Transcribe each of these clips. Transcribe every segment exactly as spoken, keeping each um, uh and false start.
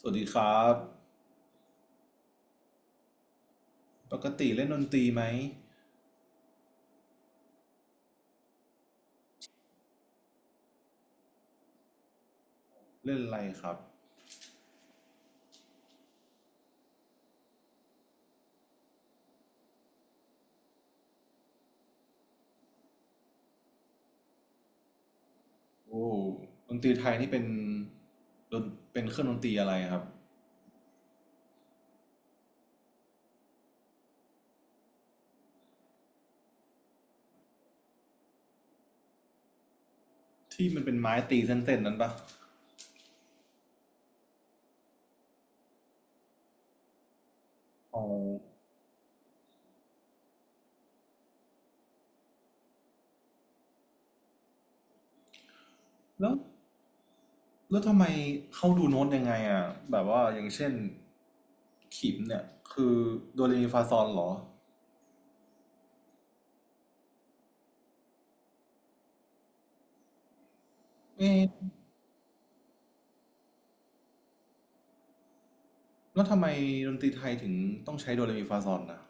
สวัสดีครับ ปกติเล่นดนตรีไหมเล่นอะไรครับโอ้ดนตรีไทยนี่เป็นดนเป็นเครื่องดนตรีอะไรครับที่มันเป็นไม้ตีเส้นๆนั้นปะอ๋อแล้วแล้วทำไมเขาดูโน้ตยังไงอ่ะแบบว่าอย่างเช่นขิมเนี่ยคือโดเรมีฟาซอลเหรอเอ๊ะแล้วทำไมดนตรีไทยถึงต้องใช้โดเรมีฟาซอลนะ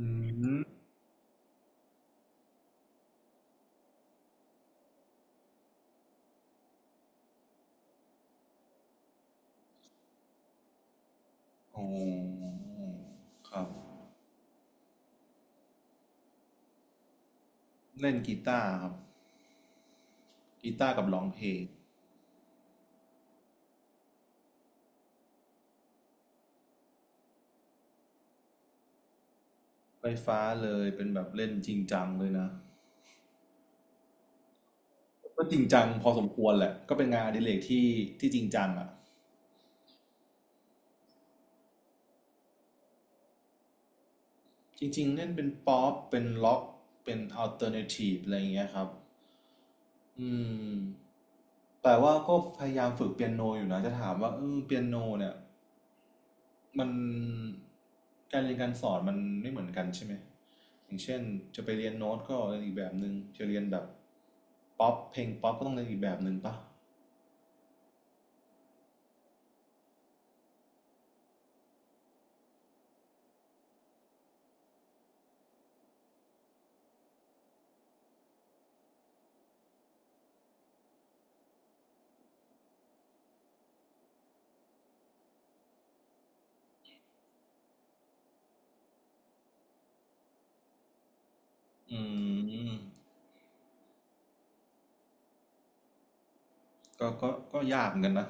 อืมโอ้ครับเล่นกีตาร์ครับกีตาร์กับร้องเพลง ไฟฟ้าเลยเป็นแบบเล่นจริงจังเลยนะก็จริงจังพอสมควรแหละก็เป็นงานอดิเรกที่ที่จริงจังอ่ะจริงๆเล่นเป็นป๊อปเป็นล็อกเป็นอัลเทอร์เนทีฟอะไรอย่างเงี้ยครับอืมแต่ว่าก็พยายามฝึกเปียโนอยู่นะจะถามว่าเออเปียโนเนี่ยมันการเรียนการสอนมันไม่เหมือนกันใช่ไหมอย่างเช่นจะไปเรียนโน้ตก็เรียนอีกแบบหนึ่งจะเรียนแบบป๊อปเพลงป๊อปก็ต้องเรียนอีกแบบหนึ่งปะอืม ก็ก็ก็ยากเหมือนกันนะ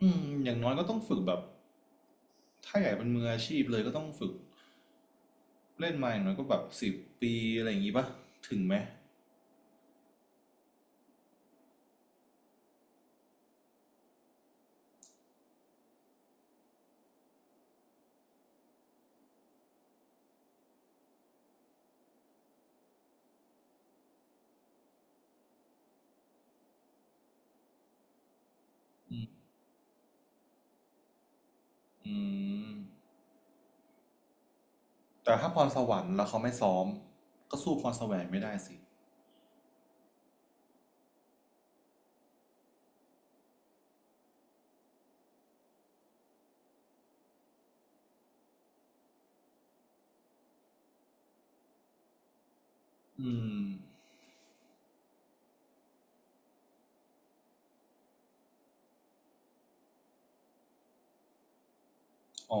อืมอย่างน้อยก็ต้องฝึกแบบ ถ้าอยากเป็นมืออาชีพเลยก็ต้องฝึกเล่นมาอย่างน้อยก็แบบสิบปีอะไรอย่างงี้ปะถึงไหมอืมแต่ถ้าพรสวรรค์แล้วเขาไม่ซ้อมก็สู้พรแสวงไม่ได้สิอืมอ๋อ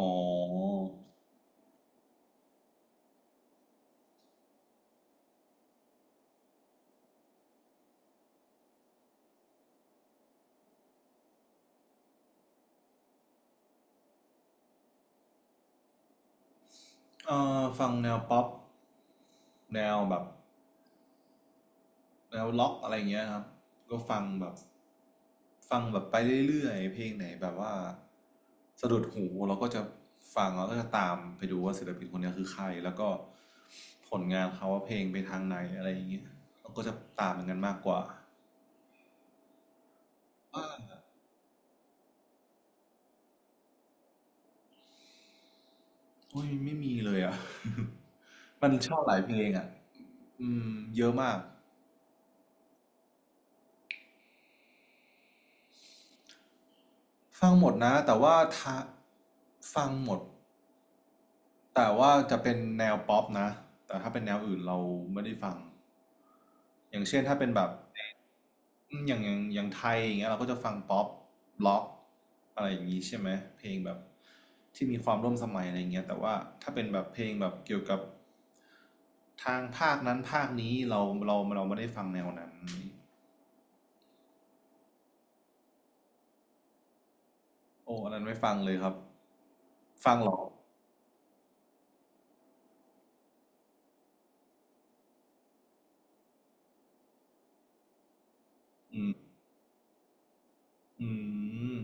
เอ่อฟังแนวป๊อปแนวแบบ แล้วล็อกอะไรเงี้ยครับก็ฟังแบบฟังแบบไปเรื่อยๆเพลงไหนแบบว่าสะดุดหูเราก็จะฟังแล้วก็จะตามไปดูว่าศิลปินคนเนี้คือใครแล้วก็ผลงานเขาว่าเพลงไปทางไหนอะไรอย่างเงี้ยเราก็จะตามเหมอนกันมากกว่าว่าโอ้ยไม่มีเลยอ่ะ มันชอบหลายเพลงอ่ะอืมเยอะมากฟังหมดนะแต่ว่าทะฟังหมด แต่ว่าจะเป็นแนวป๊อปนะแต่ถ้าเป็นแนวอื่นเราไม่ได้ฟังอย่างเช่นถ้าเป็นแบบอืมอย่างอย่างอย่างไทยอย่างเงี้ยเราก็จะฟังป๊อปล็อกอะไรอย่างงี้ใช่ไหมเพลงแบบที่มีความร่วมสมัยอะไรอย่างเงี้ยแต่ว่าถ้าเป็นแบบเพลงแบบเกี่ยวกับทางภาคนั้นภาคนี้เราเราเราไม่ได้ฟังแนวนั้นโอ้อันนั้นไม่ฟังเลยครับฟังเหรออืม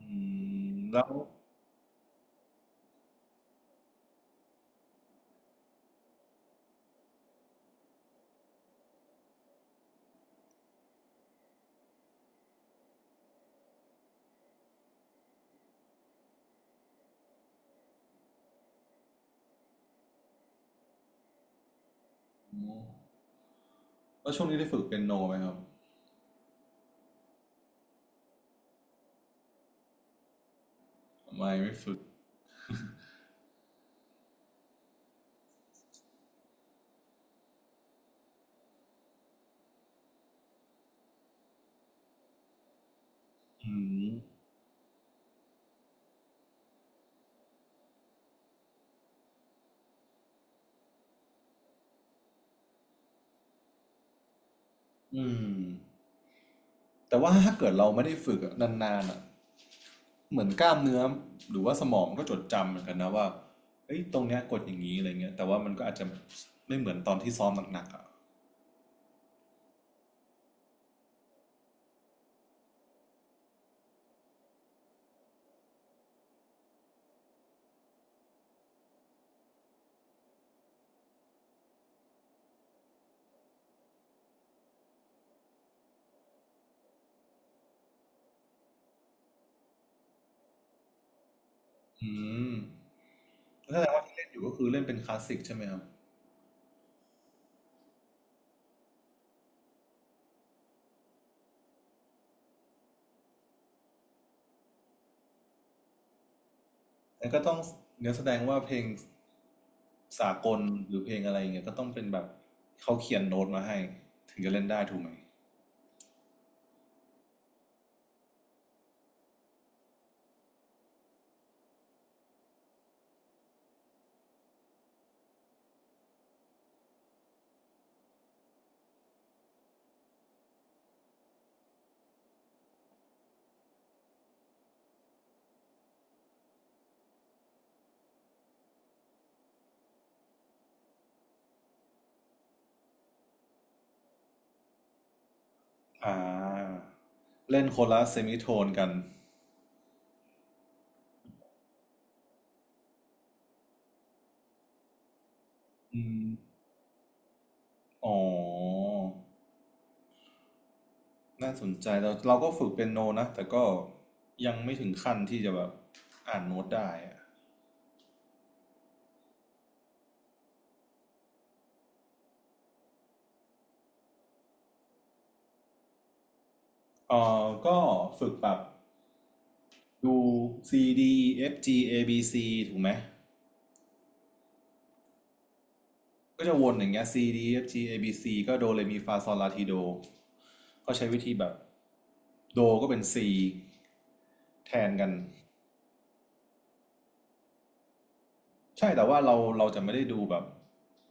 อืมแล้วแล้วช่วงนี้ได้ฝึกเปียโนไหมครับไม่ไม่ฝึกอืม อืมแต่ว่าถ้าเกิดเราไม่ได้ฝึกอะนานๆอ่ะเหมือนกล้ามเนื้อหรือว่าสมองก็จดจำเหมือนกันนะว่าเอ้ยตรงเนี้ยกดอย่างนี้อะไรเงี้ยแต่ว่ามันก็อาจจะไม่เหมือนตอนที่ซ้อมหนักๆอ่ะอืมแล้วแสดงว่าที่เล่นอยู่ก็คือเล่นเป็นคลาสสิกใช่ไหมครับแล้วก็ต้องเนื้อแสดงว่าเพลงสากลหรือเพลงอะไรเงี้ยก็ต้องเป็นแบบเขาเขียนโน้ตมาให้ถึงจะเล่นได้ถูกไหมอ่าเล่นโคนละเซมิโทนกันอืมอ๋อ น่าสนใจเราเราก็ฝึกเป็นโนนะแต่ก็ยังไม่ถึงขั้นที่จะแบบอ่านโน้ตได้อะเออก็ฝึกแบบดู C D E F G A B C ถูกไหมก็จะวนอย่างเงี้ย C D E F G A B C ก็โดเรมีฟาซอลลาทีโดก็ใช้วิธีแบบโดก็เป็น C แทนกัน ใช่แต่ว่าเราเราจะไม่ได้ดูแบบ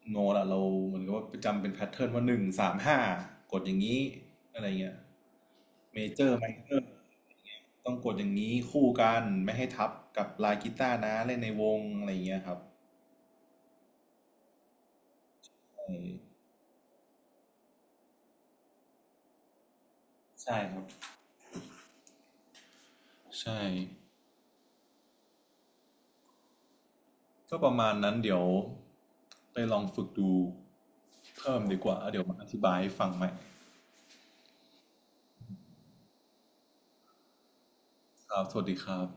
โนละเราเหมือนกับว่าจำเป็นแพทเทิร์นว่าหนึ่งสามห้ากดอย่างนี้อะไรเงี้ยเมเจอร์ไมเนอร์ต้องกดอย่างนี้คู่กันไม่ให้ทับกับลายกีตาร์นะเล่นในวงอะไรเงี้ยครับเออใช่ครับใช่ก็ประมาณนั้นเดี๋ยวไปลองฝึกดูเพิ่มดีกว่าแล้วเดี๋ยวมาอธิบายให้ฟังใหม่ครับสวัสดีครับ